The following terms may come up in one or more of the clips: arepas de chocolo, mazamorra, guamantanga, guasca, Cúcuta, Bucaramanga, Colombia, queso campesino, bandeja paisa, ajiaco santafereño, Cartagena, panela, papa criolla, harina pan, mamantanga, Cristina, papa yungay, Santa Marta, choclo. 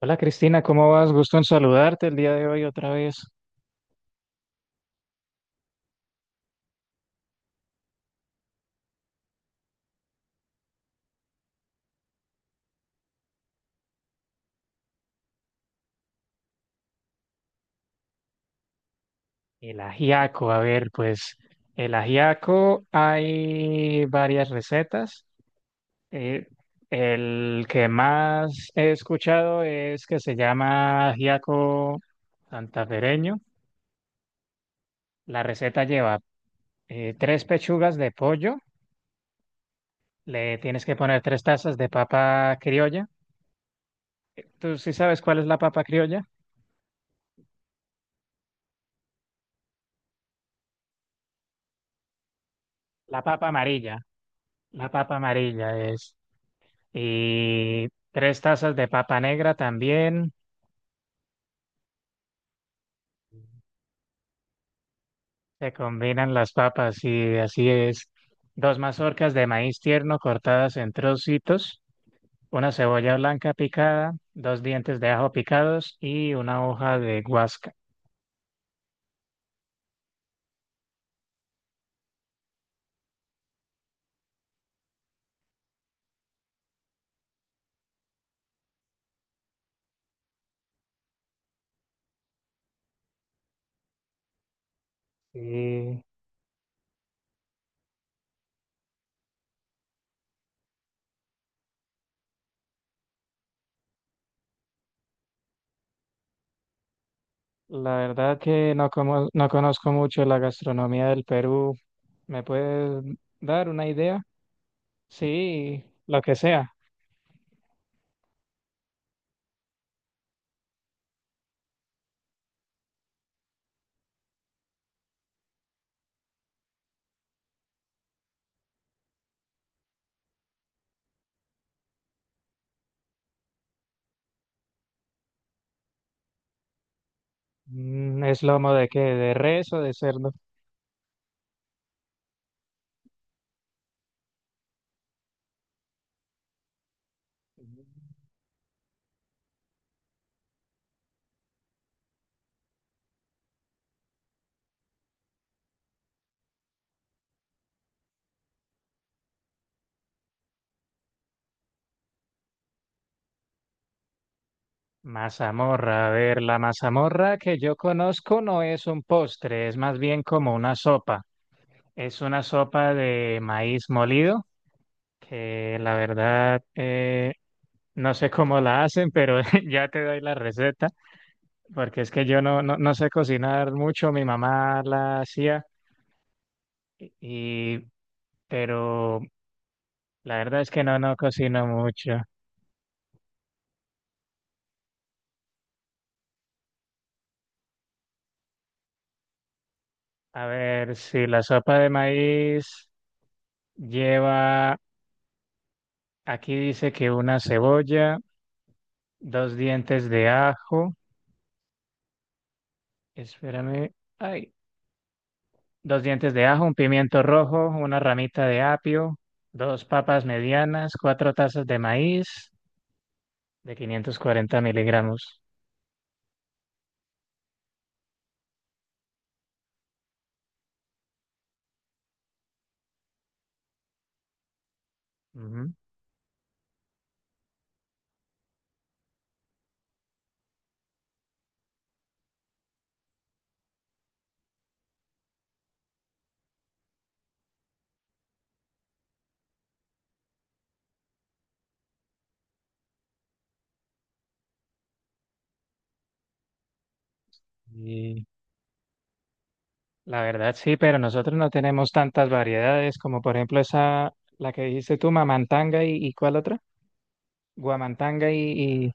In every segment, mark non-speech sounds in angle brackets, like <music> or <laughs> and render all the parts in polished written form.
Hola Cristina, ¿cómo vas? Gusto en saludarte el día de hoy otra vez. El ajiaco, a ver, pues el ajiaco hay varias recetas. Eh, el que más he escuchado es que se llama ajiaco santafereño. La receta lleva tres pechugas de pollo, le tienes que poner 3 tazas de papa criolla. ¿Tú sí sabes cuál es la papa criolla? La papa amarilla. La papa amarilla es, y 3 tazas de papa negra también. Se combinan las papas y así es. Dos mazorcas de maíz tierno cortadas en trocitos, una cebolla blanca picada, dos dientes de ajo picados y una hoja de guasca. Y la verdad que no, como, no conozco mucho la gastronomía del Perú. ¿Me puedes dar una idea? Sí, lo que sea. Mm, ¿es lomo de qué? ¿De res o de cerdo? Mazamorra, a ver, la mazamorra que yo conozco no es un postre, es más bien como una sopa. Es una sopa de maíz molido, que la verdad no sé cómo la hacen, pero <laughs> ya te doy la receta, porque es que yo no sé cocinar mucho, mi mamá la hacía, y, pero la verdad es que no, no cocino mucho. A ver, si la sopa de maíz lleva, aquí dice que una cebolla, dos dientes de ajo, espérame, ay, dos dientes de ajo, un pimiento rojo, una ramita de apio, dos papas medianas, 4 tazas de maíz de 540 miligramos. Ujú. Y la verdad sí, pero nosotros no tenemos tantas variedades como por ejemplo esa, la que dijiste tú, mamantanga y ¿cuál otra? Guamantanga y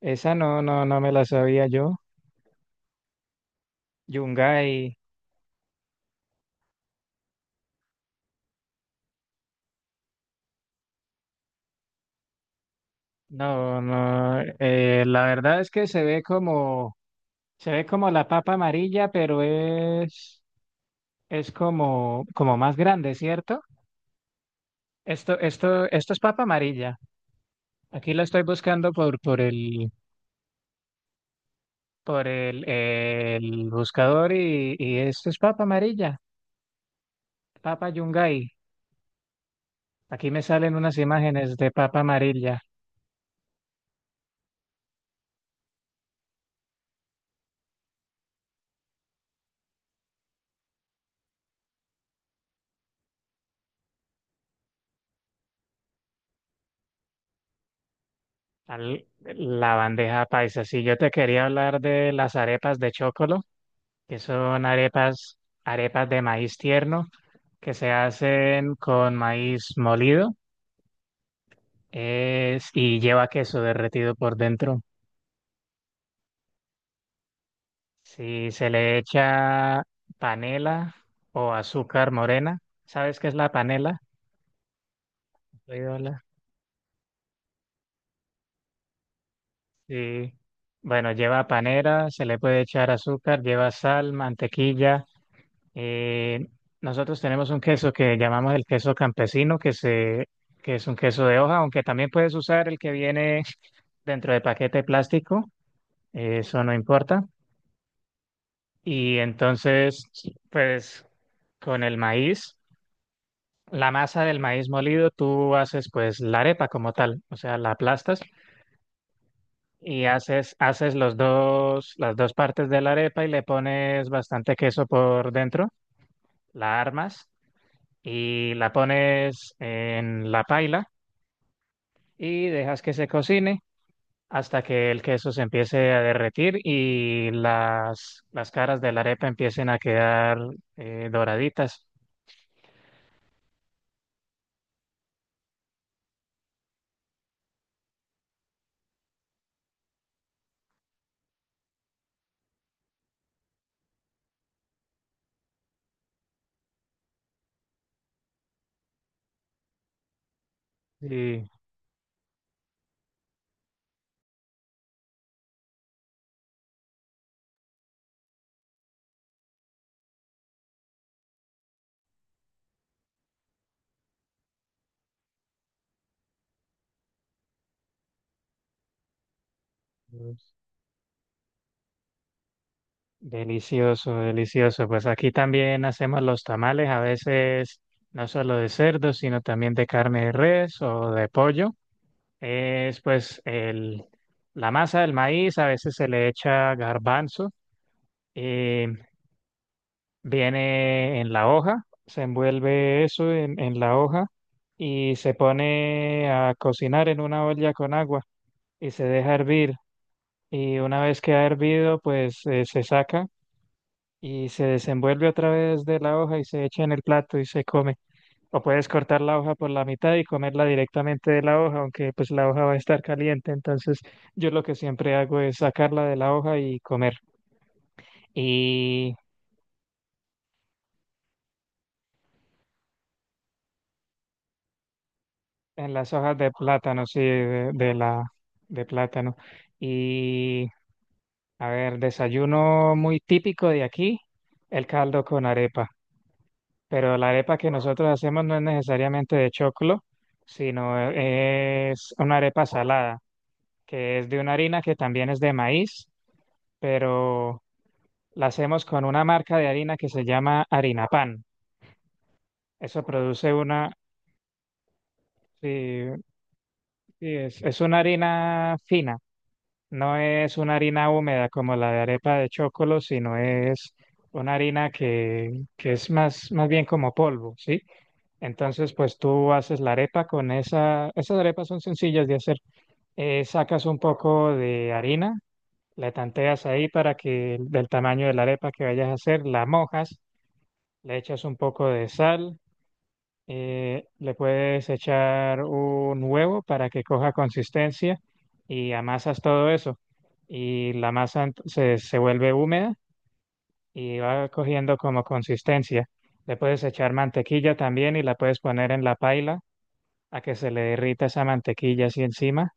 esa no me la sabía yo. Yungay, no, no, la verdad es que se ve como... Se ve como la papa amarilla, pero como más grande, ¿cierto? Esto es papa amarilla. Aquí lo estoy buscando por el buscador y esto es papa amarilla, papa yungay. Aquí me salen unas imágenes de papa amarilla. La bandeja paisa. Si yo te quería hablar de las arepas de chocolo, que son arepas, arepas de maíz tierno que se hacen con maíz molido. Y lleva queso derretido por dentro. Si se le echa panela o azúcar morena, ¿sabes qué es la panela? ¿Has oído hablar? Sí. Bueno, lleva panela, se le puede echar azúcar, lleva sal, mantequilla. Eh, Nosotros tenemos un queso que llamamos el queso campesino, que es un queso de hoja, aunque también puedes usar el que viene dentro de paquete plástico, eso no importa. Y entonces, pues con el maíz, la masa del maíz molido, tú haces pues la arepa como tal, o sea, la aplastas y haces los dos, las dos partes de la arepa y le pones bastante queso por dentro, la armas y la pones en la paila y dejas que se cocine hasta que el queso se empiece a derretir y las caras de la arepa empiecen a quedar doraditas. Y Delicioso, delicioso. Pues aquí también hacemos los tamales, a veces no solo de cerdo, sino también de carne de res o de pollo. Es pues el, la masa del maíz, a veces se le echa garbanzo, eh, viene en la hoja, se envuelve eso en la hoja y se pone a cocinar en una olla con agua y se deja hervir. Y una vez que ha hervido, pues se saca y se desenvuelve a través de la hoja y se echa en el plato y se come. O puedes cortar la hoja por la mitad y comerla directamente de la hoja, aunque pues la hoja va a estar caliente. Entonces yo lo que siempre hago es sacarla de la hoja y comer. Y en las hojas de plátano, sí, de plátano. Y a ver, desayuno muy típico de aquí, el caldo con arepa. Pero la arepa que nosotros hacemos no es necesariamente de choclo, sino es una arepa salada, que es de una harina que también es de maíz, pero la hacemos con una marca de harina que se llama harina Pan. Eso produce una, sí, sí, es una harina fina, no es una harina húmeda como la de arepa de choclo, sino es una harina que es más bien como polvo, ¿sí? Entonces, pues tú haces la arepa con esa, esas arepas son sencillas de hacer. Sacas un poco de harina, la tanteas ahí para que del tamaño de la arepa que vayas a hacer, la mojas, le echas un poco de sal, le puedes echar un huevo para que coja consistencia y amasas todo eso. Y la masa se vuelve húmeda y va cogiendo como consistencia. Le puedes echar mantequilla también y la puedes poner en la paila a que se le derrita esa mantequilla así encima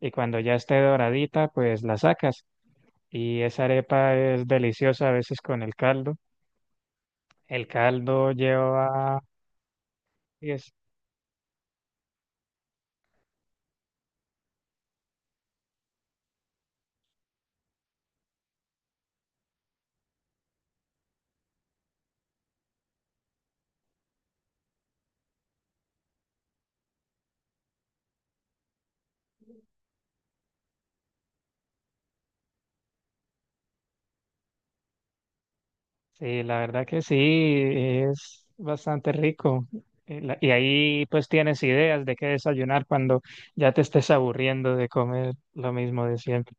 y cuando ya esté doradita, pues la sacas. Y esa arepa es deliciosa a veces con el caldo. El caldo lleva... y es- Sí, la verdad que sí, es bastante rico. Y ahí pues tienes ideas de qué desayunar cuando ya te estés aburriendo de comer lo mismo de siempre.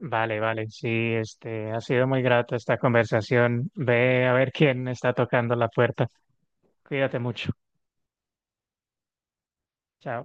Vale, vale, sí, ha sido muy grata esta conversación. Ve a ver quién está tocando la puerta. Cuídate mucho. Chao.